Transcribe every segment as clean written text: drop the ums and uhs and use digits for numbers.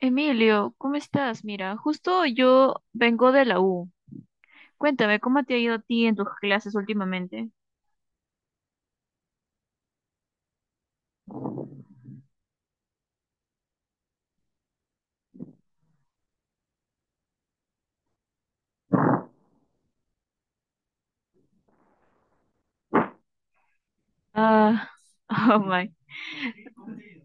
Emilio, ¿cómo estás? Mira, justo yo vengo de la U. Cuéntame, ¿cómo te ha ido a ti en tus clases últimamente? Ah, oh my,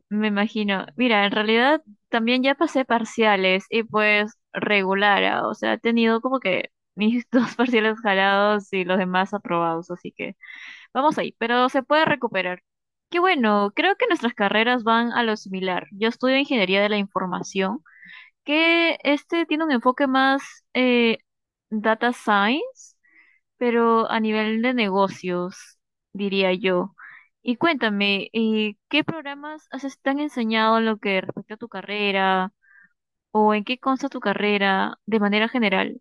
me imagino. Mira, en realidad también ya pasé parciales y pues regular, ah, o sea, he tenido como que mis dos parciales jalados y los demás aprobados, así que vamos ahí, pero se puede recuperar. Qué bueno, creo que nuestras carreras van a lo similar. Yo estudio ingeniería de la información, que tiene un enfoque más eh, data science, pero a nivel de negocios, diría yo. Y cuéntame, ¿qué programas te han enseñado en lo que respecta a tu carrera o en qué consta tu carrera de manera general?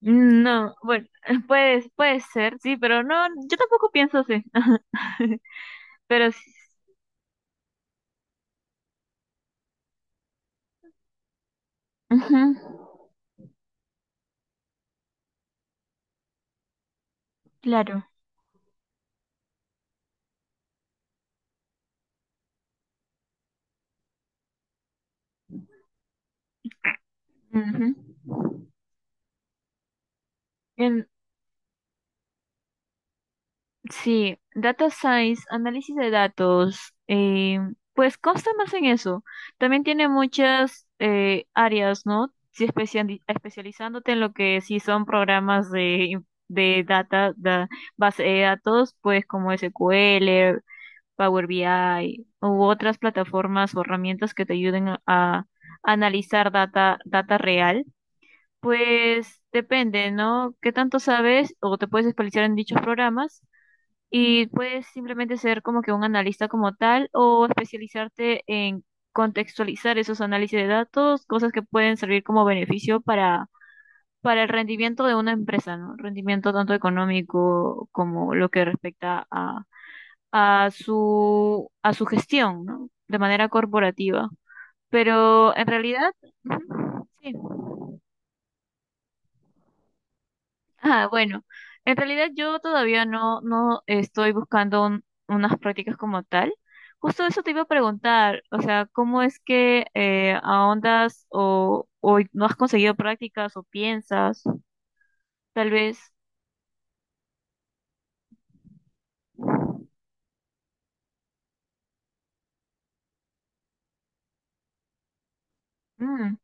No, bueno, puede ser, sí, pero no, yo tampoco pienso así. Pero sí, ujú, claro. Ujú. En- Sí, data science, análisis de datos, pues consta más en eso. También tiene muchas áreas, ¿no? Si especializándote en lo que sí son programas de base de datos, pues como S Q L, Power B I u otras plataformas o herramientas que te ayuden a analizar data, data real. Pues depende, ¿no? ¿Qué tanto sabes o te puedes especializar en dichos programas? Y puedes simplemente ser como que un analista como tal o especializarte en contextualizar esos análisis de datos, cosas que pueden servir como beneficio para el rendimiento de una empresa, ¿no? Rendimiento tanto económico como lo que respecta a su gestión, ¿no? De manera corporativa. Pero en realidad, ujú, sí. Ah, bueno, en realidad yo todavía no estoy buscando unas prácticas como tal. Justo eso te iba a preguntar, o sea, ¿cómo es que ahondas o no has conseguido prácticas o piensas? Tal vez. Mm.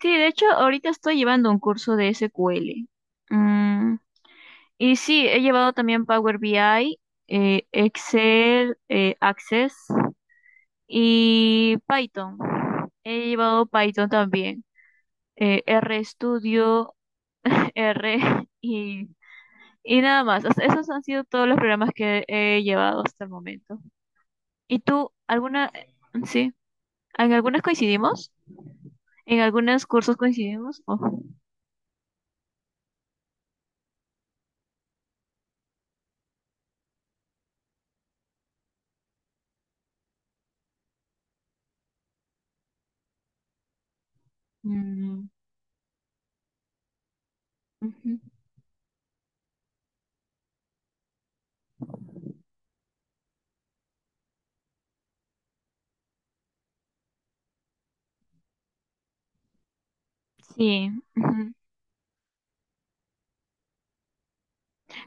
Sí, de hecho, ahorita estoy llevando un curso de SQL. Mm. Y sí, he llevado también Power BI, Excel, Access y Python. He llevado Python también. RStudio, R y, y nada más. O sea, esos han sido todos los programas que he llevado hasta el momento. ¿Y tú, sí, en algunas coincidimos? ¿En algunos cursos coincidimos? Oh, mm, ujú. Sí, ujú.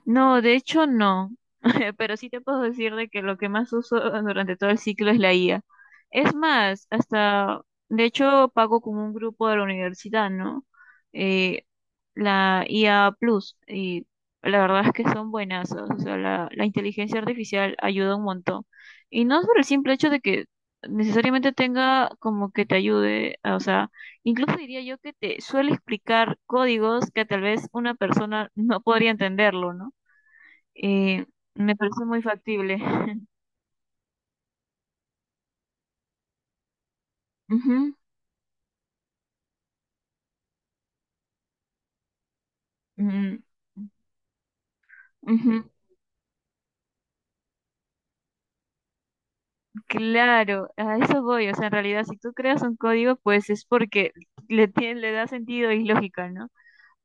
No, de hecho no, pero sí te puedo decir de que lo que más uso durante todo el ciclo es la IA. Es más, hasta, de hecho, pago con un grupo de la universidad, ¿no? Eh, la IA Plus, y la verdad es que son buenas, o sea, la inteligencia artificial ayuda un montón. Y no es por el simple hecho de que necesariamente tenga como que te ayude, o sea, incluso diría yo que te suele explicar códigos que tal vez una persona no podría entenderlo, ¿no? Eh, Me parece muy factible. Ujú, mm, ujú. Claro, a eso voy. O sea, en realidad, si tú creas un código, pues es porque le da sentido y lógica, ¿no?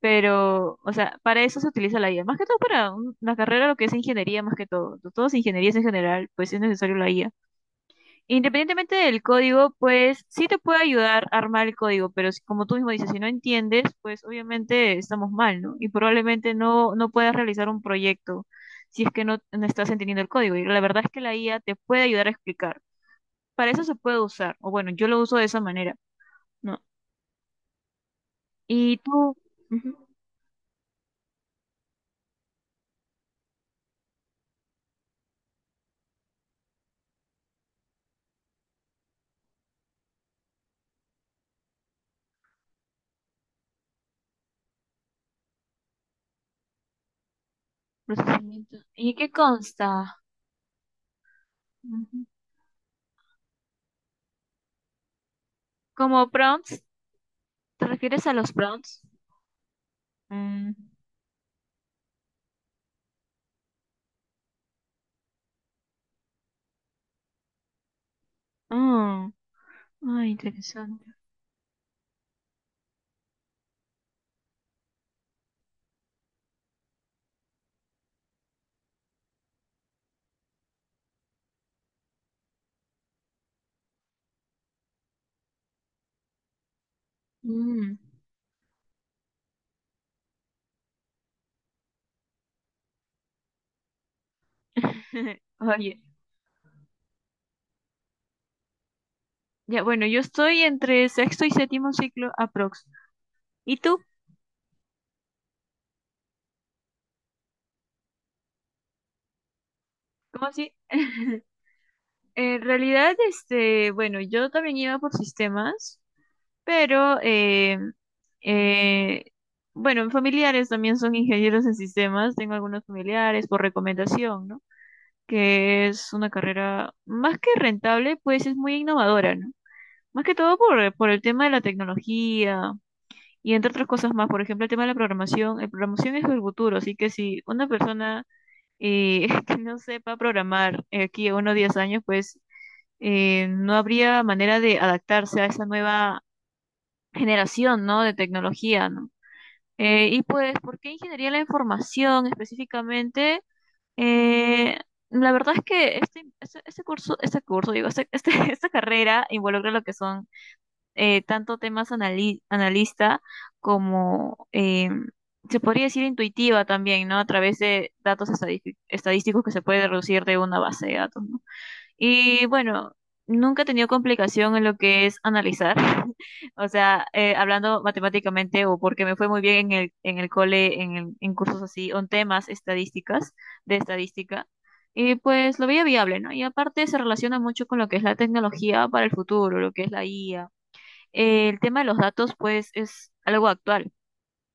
Pero, o sea, para eso se utiliza la IA. Más que todo para la carrera, lo que es ingeniería, más que todo. Todos ingenierías en general, pues es necesario la IA. Independientemente del código, pues sí te puede ayudar a armar el código, pero si, como tú mismo dices, si no entiendes, pues obviamente estamos mal, ¿no? Y probablemente no puedas realizar un proyecto si es que no estás entendiendo el código. Y la verdad es que la IA te puede ayudar a explicar. Para eso se puede usar, o bueno, yo lo uso de esa manera, ¿no? Y tú, ujú, procesamiento. ¿Y qué consta? Ujú. Como prompts, ¿te refieres a los prompts? Mm. Ah, ay, interesante. Mm. Oye, ya bueno, yo estoy entre sexto y séptimo ciclo aprox. ¿Y tú? ¿Cómo así? En realidad, este, bueno, yo también iba por sistemas, pero eh, bueno, mis familiares también son ingenieros en sistemas, tengo algunos familiares por recomendación, ¿no? Que es una carrera más que rentable, pues es muy innovadora, ¿no? Más que todo por el tema de la tecnología, y entre otras cosas más, por ejemplo, el tema de la programación. La programación es el futuro, así que si una persona que no sepa programar aquí a unos 10 años, pues no habría manera de adaptarse a esa nueva generación, ¿no? De tecnología, ¿no? Y pues, ¿por qué ingeniería de la información específicamente? Eh, la verdad es que este, este curso, digo, este- este- esta carrera involucra lo que son tanto temas analista como, se podría decir intuitiva también, ¿no? A través de datos estadísticos que se puede reducir de una base de datos, ¿no? Y bueno, nunca he tenido complicación en lo que es analizar, o sea, hablando matemáticamente o porque me fue muy bien en en el cole, en cursos así, o en temas estadísticas, de estadística. Y pues lo veía viable, ¿no? Y aparte se relaciona mucho con lo que es la tecnología para el futuro, lo que es la IA, el tema de los datos, pues, es algo actual.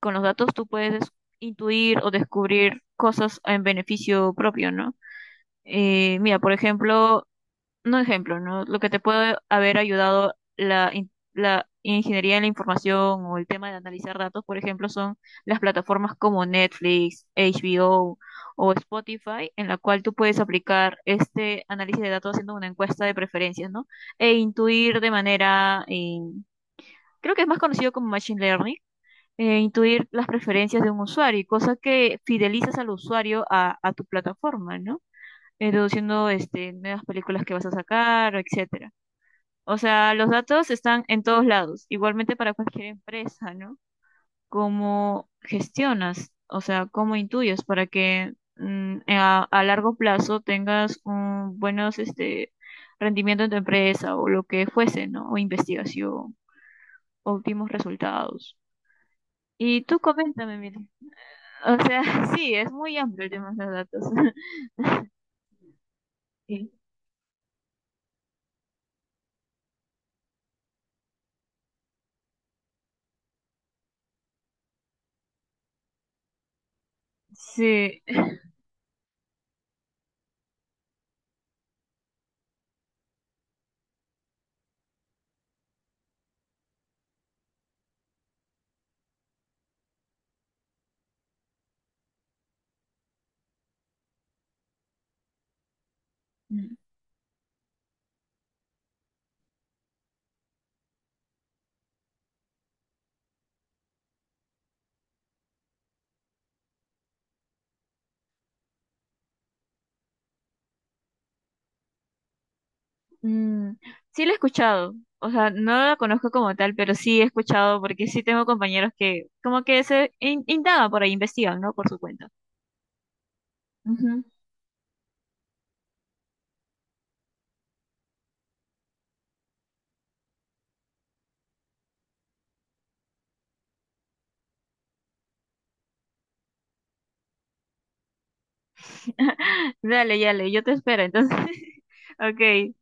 Con los datos tú puedes intuir o descubrir cosas en beneficio propio, ¿no? Mira, por ejemplo, no ejemplo, ¿no? Lo que te puede haber ayudado la ingeniería en la información o el tema de analizar datos, por ejemplo, son las plataformas como Netflix, HBO o Spotify, en la cual tú puedes aplicar este análisis de datos haciendo una encuesta de preferencias, ¿no? E intuir de manera creo que es más conocido como Machine Learning, intuir las preferencias de un usuario, cosa que fidelizas al usuario a tu plataforma, ¿no? Deduciendo este, nuevas películas que vas a sacar, etcétera. O sea, los datos están en todos lados, igualmente para cualquier empresa, ¿no? ¿Cómo gestionas? O sea, ¿cómo intuyes para que mm, a largo plazo tengas un, buenos este, rendimiento en tu empresa o lo que fuese, ¿no? O investigación, óptimos resultados. Y tú coméntame, mira. O sea, sí, es muy amplio el tema de los datos. Sí. Sí. Mm, sí lo he escuchado. O sea, no la conozco como tal, pero sí he escuchado porque sí tengo compañeros que como que se indagan por ahí, investigan, ¿no? Por su cuenta. Ujú. Dale, dale, yo te espero. Entonces, ok,